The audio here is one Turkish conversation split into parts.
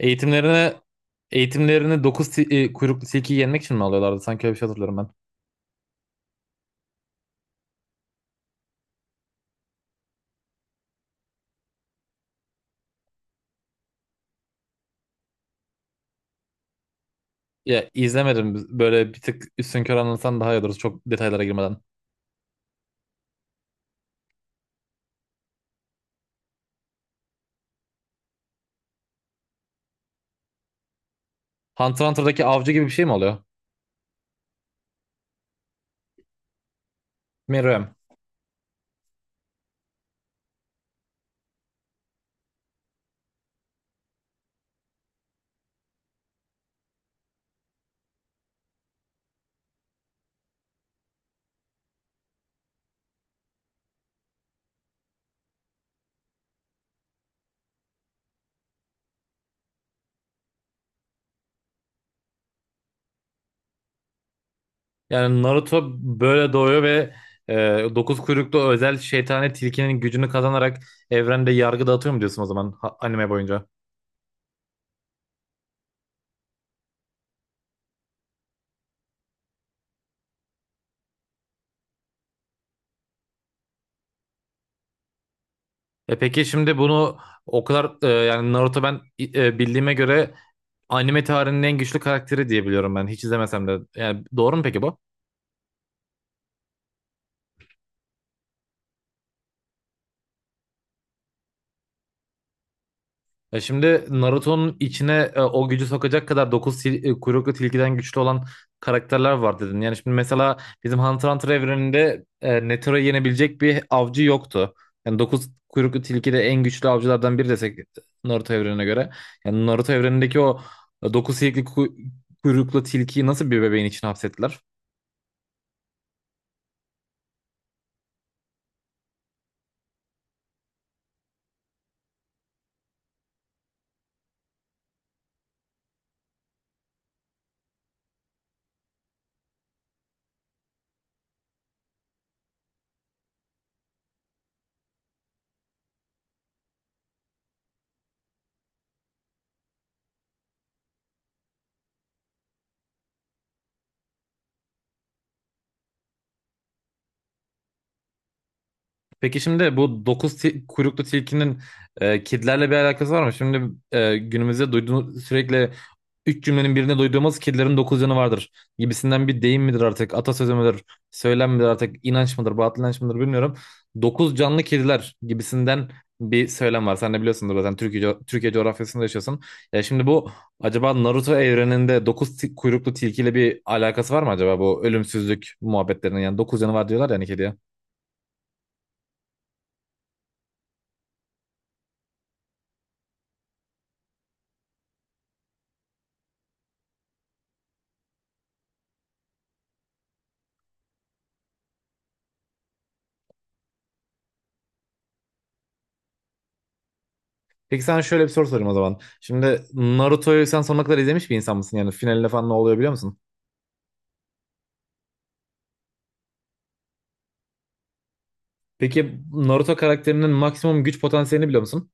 Eğitimlerine eğitimlerini 9 kuyruklu tilkiyi yenmek için mi alıyorlardı? Sanki öyle bir şey hatırlıyorum ben. Ya izlemedim. Böyle bir tık üstünkör anlatsan daha iyi olur. Çok detaylara girmeden. Hunter x Hunter'daki avcı gibi bir şey mi oluyor? Meruem. Yani Naruto böyle doğuyor ve e, 9 kuyruklu özel şeytani tilkinin gücünü kazanarak evrende yargı dağıtıyor mu diyorsun o zaman anime boyunca? Peki şimdi bunu o kadar yani Naruto ben bildiğime göre anime tarihinin en güçlü karakteri diye biliyorum ben hiç izlemesem de. Yani doğru mu peki bu? Ya şimdi Naruto'nun içine o gücü sokacak kadar 9 kuyruklu tilkiden güçlü olan karakterler var dedin. Yani şimdi mesela bizim Hunter x Hunter evreninde Netero'yu yenebilecek bir avcı yoktu. Yani 9 kuyruklu tilki de en güçlü avcılardan biri desek Naruto evrenine göre. Yani Naruto evrenindeki o 9 kuyruklu tilkiyi nasıl bir bebeğin içine hapsettiler? Peki şimdi bu kuyruklu tilkinin kedilerle bir alakası var mı? Şimdi günümüzde duyduğumuz sürekli üç cümlenin birinde duyduğumuz kedilerin dokuz canı vardır gibisinden bir deyim midir artık, atasözü müdür, söylem midir artık, inanç mıdır, batıl inanç mıdır bilmiyorum. Dokuz canlı kediler gibisinden bir söylem var. Sen de biliyorsundur zaten Türkiye coğrafyasında yaşıyorsun. Ya şimdi bu acaba Naruto evreninde kuyruklu tilkiyle bir alakası var mı acaba bu ölümsüzlük muhabbetlerinin? Yani dokuz canı var diyorlar yani kediye. Peki sana şöyle bir soru sorayım o zaman. Şimdi Naruto'yu sen sonuna kadar izlemiş bir insan mısın? Yani finaline falan ne oluyor biliyor musun? Peki Naruto karakterinin maksimum güç potansiyelini biliyor musun?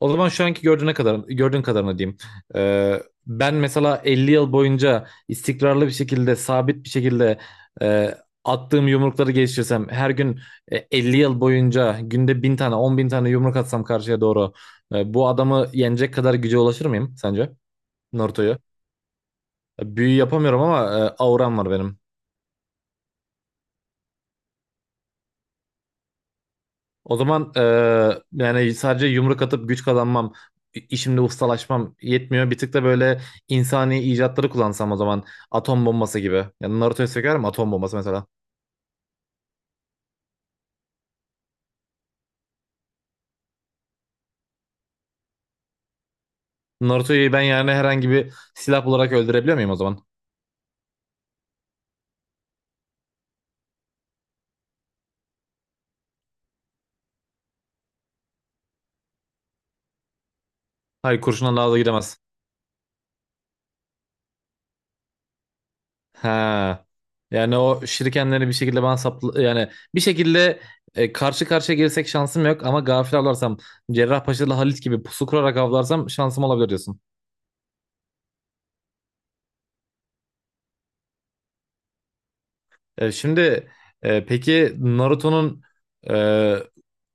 O zaman şu anki gördüğüne kadar, gördüğün kadarını diyeyim. Ben mesela 50 yıl boyunca istikrarlı bir şekilde, sabit bir şekilde e, attığım yumrukları geliştirsem, her gün 50 yıl boyunca günde 1.000 tane, 10.000 tane yumruk atsam karşıya doğru, bu adamı yenecek kadar güce ulaşır mıyım sence? Naruto'yu? Büyü yapamıyorum ama auram var benim. O zaman yani sadece yumruk atıp güç kazanmam, işimde ustalaşmam yetmiyor. Bir tık da böyle insani icatları kullansam o zaman atom bombası gibi. Yani Naruto'yu sökerim atom bombası mesela. Naruto'yu ben yani herhangi bir silah olarak öldürebiliyor muyum o zaman? Hayır kurşunla daha da gidemez. Ha. Yani o şirikenleri bir şekilde bana saplı yani bir şekilde karşı karşıya girsek şansım yok ama gafil avlarsam Cerrahpaşa'lı Halit gibi pusu kurarak avlarsam şansım olabilir diyorsun. E, şimdi peki Naruto'nun e,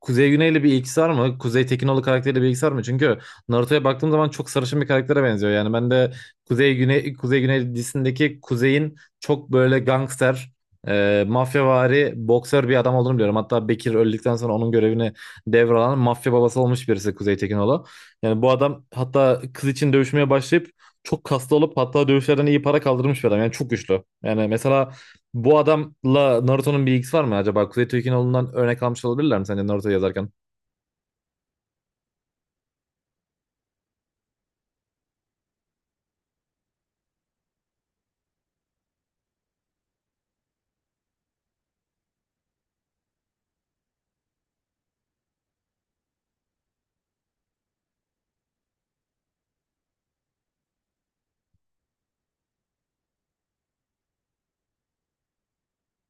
Kuzey Güney'le bir ilgisi var mı? Kuzey Tekinoğlu karakteriyle bir ilgisi var mı? Çünkü Naruto'ya baktığım zaman çok sarışın bir karaktere benziyor. Yani ben de Kuzey Güney dizisindeki Kuzey'in çok böyle gangster, mafyavari, boksör bir adam olduğunu biliyorum. Hatta Bekir öldükten sonra onun görevini devralan mafya babası olmuş birisi Kuzey Tekinoğlu. Yani bu adam hatta kız için dövüşmeye başlayıp çok kaslı olup hatta dövüşlerden iyi para kaldırmış bir adam. Yani çok güçlü. Yani mesela bu adamla Naruto'nun bir ilgisi var mı acaba? Kuzey Türk'ün oğlundan örnek almış olabilirler mi sence Naruto yazarken?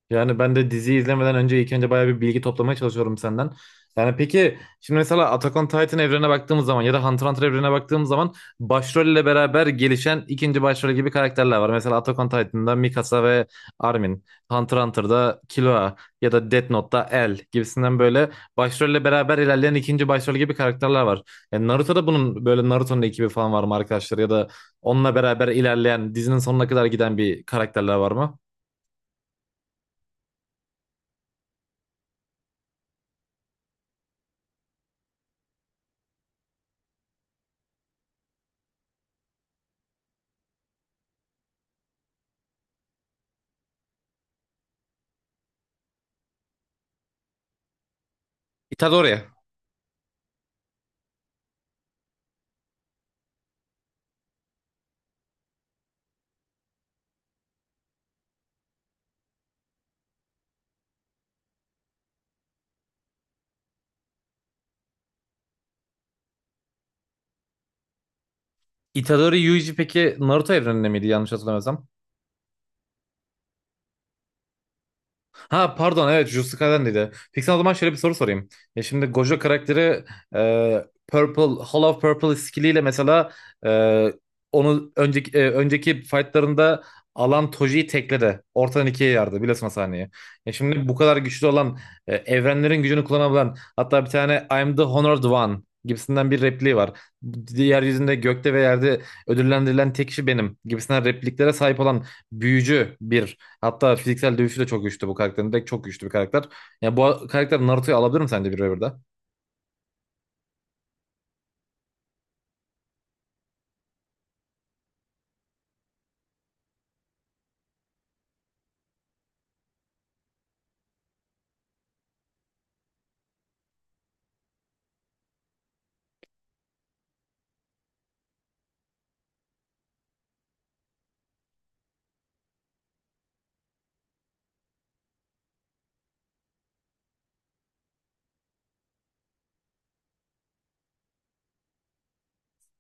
Yani ben de diziyi izlemeden önce ilk önce bayağı bir bilgi toplamaya çalışıyorum senden. Yani peki şimdi mesela Attack on Titan evrene baktığımız zaman ya da Hunter x Hunter evrene baktığımız zaman başrolle beraber gelişen ikinci başrol gibi karakterler var. Mesela Attack on Titan'da Mikasa ve Armin, Hunter x Hunter'da Killua ya da Death Note'da L gibisinden böyle başrolle beraber ilerleyen ikinci başrol gibi karakterler var. Yani Naruto'da bunun böyle Naruto'nun ekibi falan var mı arkadaşlar ya da onunla beraber ilerleyen dizinin sonuna kadar giden bir karakterler var mı? Itadori. Itadori Yuji peki Naruto evreninde miydi yanlış hatırlamıyorsam? Ha pardon evet Jujutsu Kaisen'deydi. Peki sana o zaman şöyle bir soru sorayım. Ya şimdi Gojo karakteri Purple, Hall of Purple skilliyle mesela e, onu önceki fightlarında alan Toji'yi tekledi. Ortadan ikiye yardı biliyorsun o sahneyi. Ya şimdi bu kadar güçlü olan evrenlerin gücünü kullanabilen hatta bir tane I'm the Honored One gibisinden bir repliği var. Yeryüzünde gökte ve yerde ödüllendirilen tek kişi benim gibisinden repliklere sahip olan büyücü bir. Hatta fiziksel dövüşü de çok güçlü bu karakterin. Direkt çok güçlü bir karakter. Yani bu karakter Naruto'yu alabilir mi sence bir revirde?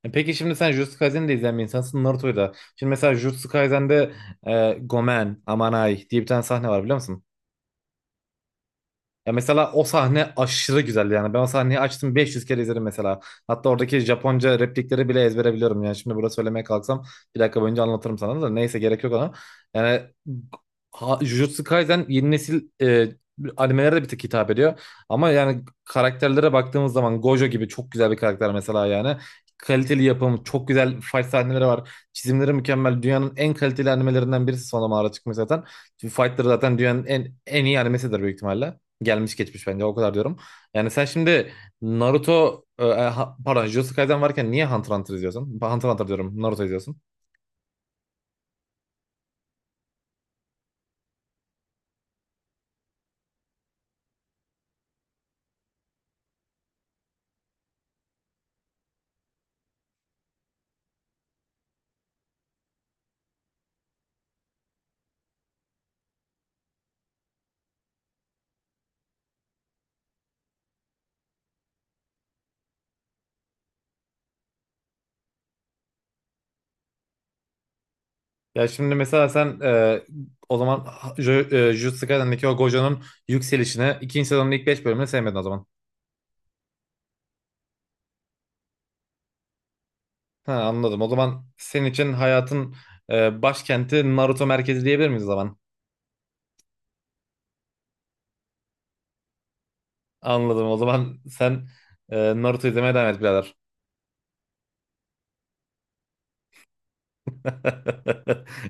Peki şimdi sen Jujutsu Kaisen'i de izleyen bir insansın Naruto'yu da. Şimdi mesela Jujutsu Kaisen'de Gomen, Amanai diye bir tane sahne var biliyor musun? Ya mesela o sahne aşırı güzeldi yani. Ben o sahneyi açtım 500 kere izlerim mesela. Hatta oradaki Japonca replikleri bile ezbere biliyorum yani. Şimdi burada söylemeye kalksam bir dakika boyunca anlatırım sana da. Neyse gerek yok ona. Yani ha, Jujutsu Kaisen yeni nesil animelere de bir tık hitap ediyor. Ama yani karakterlere baktığımız zaman Gojo gibi çok güzel bir karakter mesela yani. Kaliteli yapım, çok güzel fight sahneleri var. Çizimleri mükemmel. Dünyanın en kaliteli animelerinden birisi son zamanlarda çıkmış zaten. Fightları zaten dünyanın en iyi animesidir büyük ihtimalle gelmiş geçmiş bence o kadar diyorum. Yani sen şimdi Naruto e, e, ha- pardon Jujutsu Kaisen varken niye Hunter x Hunter izliyorsun? Hunter x Hunter diyorum Naruto izliyorsun. Ya şimdi mesela sen o zaman Jujutsu Kaisen'deki o Gojo'nun yükselişini ikinci sezonun ilk 5 bölümünü sevmedin o zaman. Ha, anladım. O zaman senin için hayatın başkenti Naruto merkezi diyebilir miyiz o zaman? Anladım. O zaman sen Naruto izlemeye devam et birader.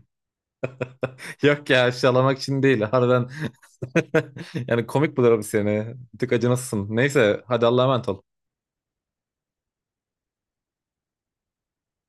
Yok ya aşağılamak için değil. Harbiden yani komik buluyorum seni. Bir tık acınasın. Neyse hadi Allah'a emanet ol.